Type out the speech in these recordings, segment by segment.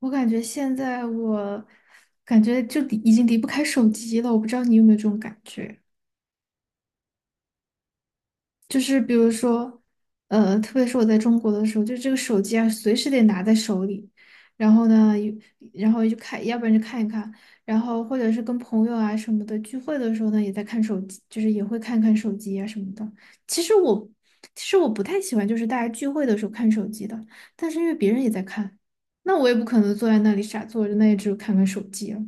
我感觉现在我感觉已经离不开手机了，我不知道你有没有这种感觉，就是比如说，特别是我在中国的时候，就这个手机啊，随时得拿在手里，然后呢，然后就看，要不然就看一看，然后或者是跟朋友啊什么的聚会的时候呢，也在看手机，就是也会看看手机啊什么的。其实我其实我不太喜欢就是大家聚会的时候看手机的，但是因为别人也在看，那我也不可能坐在那里傻坐着，那也只有看看手机了。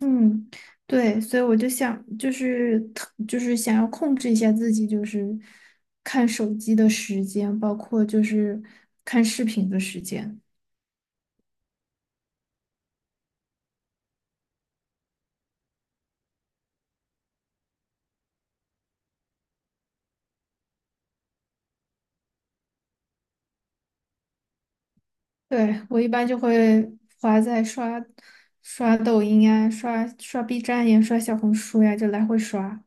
嗯，对，所以我就想，就是就是想要控制一下自己，就是看手机的时间，包括就是看视频的时间。对，我一般就会花在刷抖音呀、刷 B 站呀、刷小红书呀，就来回刷。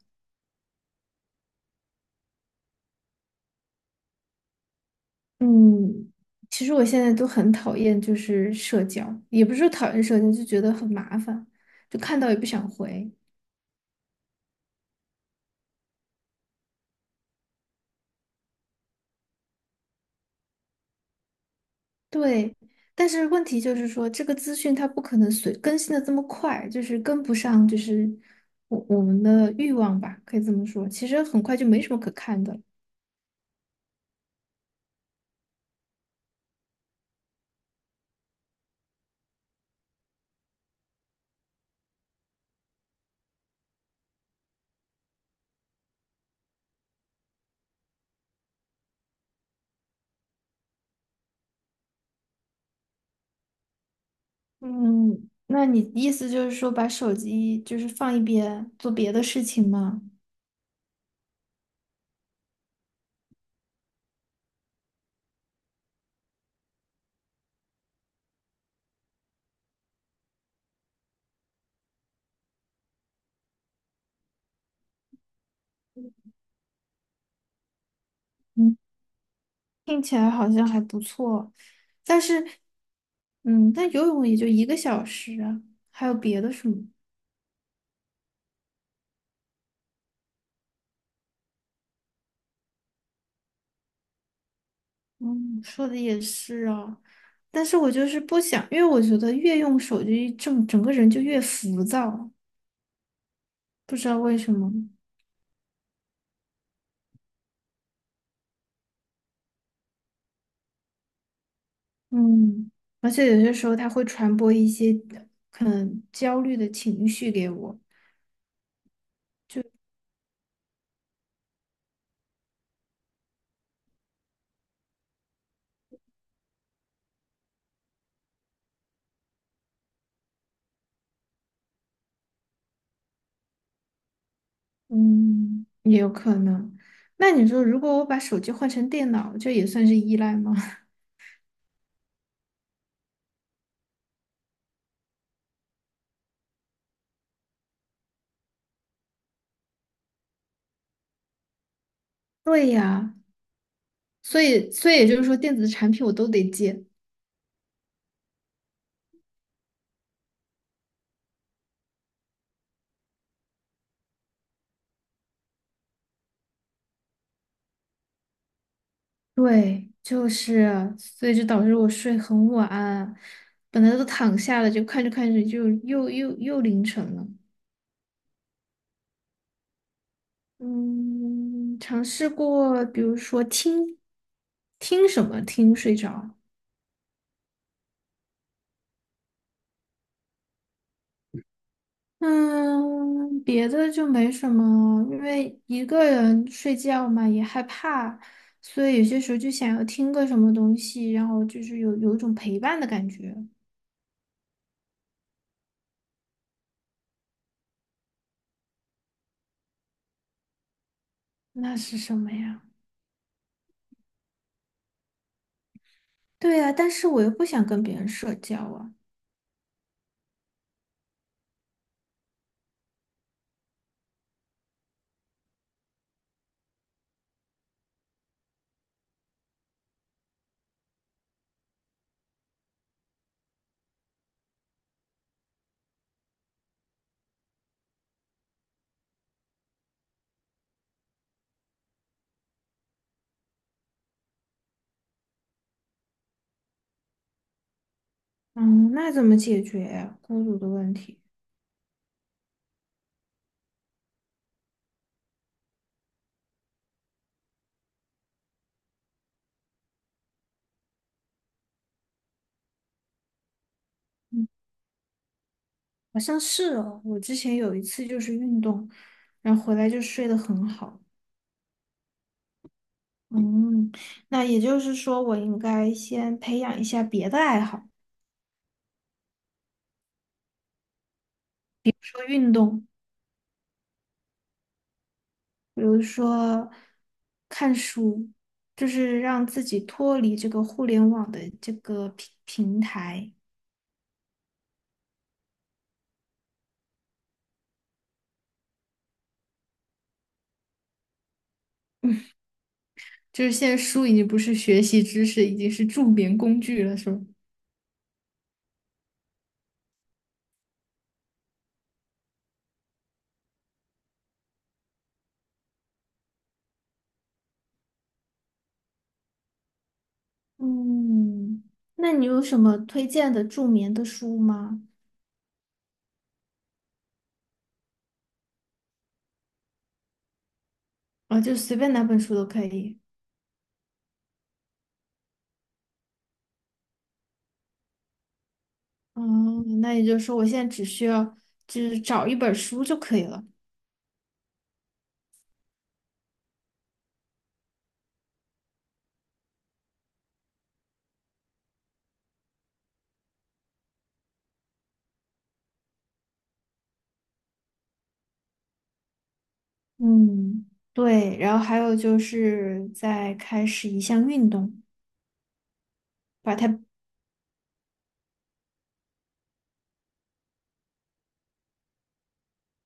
嗯，其实我现在都很讨厌就是社交，也不是说讨厌社交，就觉得很麻烦，就看到也不想回。对，但是问题就是说，这个资讯它不可能随更新的这么快，就是跟不上，就是我们的欲望吧，可以这么说。其实很快就没什么可看的了。嗯，那你意思就是说，把手机就是放一边，做别的事情吗？嗯，听起来好像还不错，但是，嗯，但游泳也就一个小时啊，还有别的什么？嗯，说的也是啊，但是我就是不想，因为我觉得越用手机，整个人就越浮躁，不知道为什么。嗯，而且有些时候它会传播一些可能焦虑的情绪给我。嗯，也有可能。那你说，如果我把手机换成电脑，这也算是依赖吗？对呀，所以也就是说，电子产品我都得戒。对，就是，所以就导致我睡很晚，本来都躺下了，就看着看着就又凌晨了。嗯，尝试过，比如说听什么听睡着。嗯，别的就没什么，因为一个人睡觉嘛也害怕，所以有些时候就想要听个什么东西，然后就是有一种陪伴的感觉。那是什么呀？对呀，但是我又不想跟别人社交啊。嗯，那怎么解决呀？孤独的问题？嗯，好像是哦。我之前有一次就是运动，然后回来就睡得很好。嗯，那也就是说，我应该先培养一下别的爱好，做运动，比如说看书，就是让自己脱离这个互联网的这个平台。就是现在书已经不是学习知识，已经是助眠工具了，是吧？嗯，那你有什么推荐的助眠的书吗？啊，就随便哪本书都可以。嗯，那也就是说，我现在只需要就是找一本书就可以了。嗯，对。然后还有就是再开始一项运动，把它，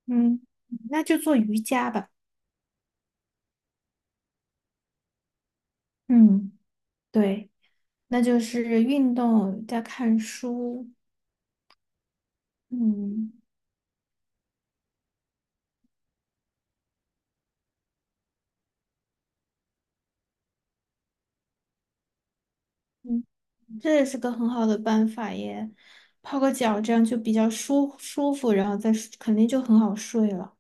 嗯，那就做瑜伽吧。嗯，对，那就是运动加看书。嗯。嗯，这也是个很好的办法耶，泡个脚，这样就比较舒舒服，然后再睡肯定就很好睡了。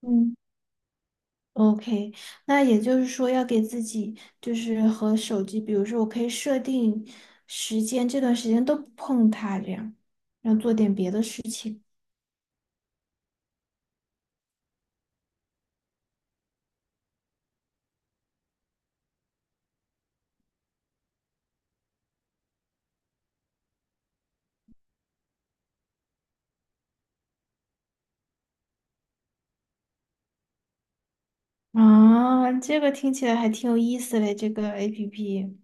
嗯，OK，那也就是说要给自己就是和手机，比如说我可以设定时间，这段时间都不碰它，这样，然后做点别的事。啊，这个听起来还挺有意思嘞，这个 APP。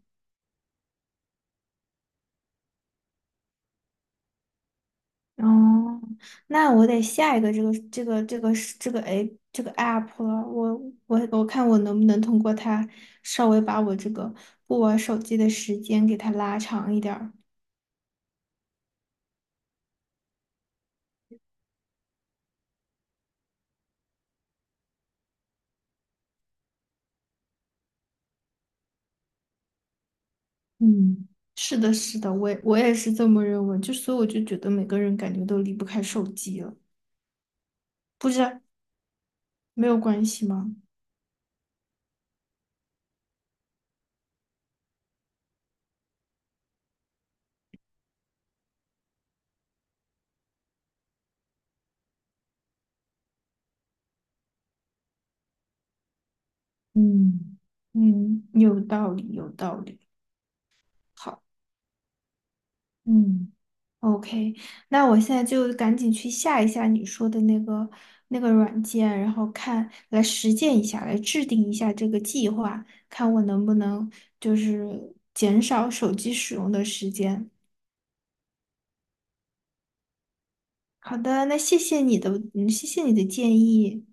哦，那我得下一个这个 app 了，我看我能不能通过它稍微把我这个不玩手机的时间给它拉长一点儿。嗯，是的，是的，我也是这么认为，就所以我就觉得每个人感觉都离不开手机了，不是没有关系吗？嗯嗯，有道理，有道理。好。嗯。OK，那我现在就赶紧去下一下你说的那个那个软件，然后看，来实践一下，来制定一下这个计划，看我能不能就是减少手机使用的时间。好的，那谢谢你的，嗯，谢谢你的建议。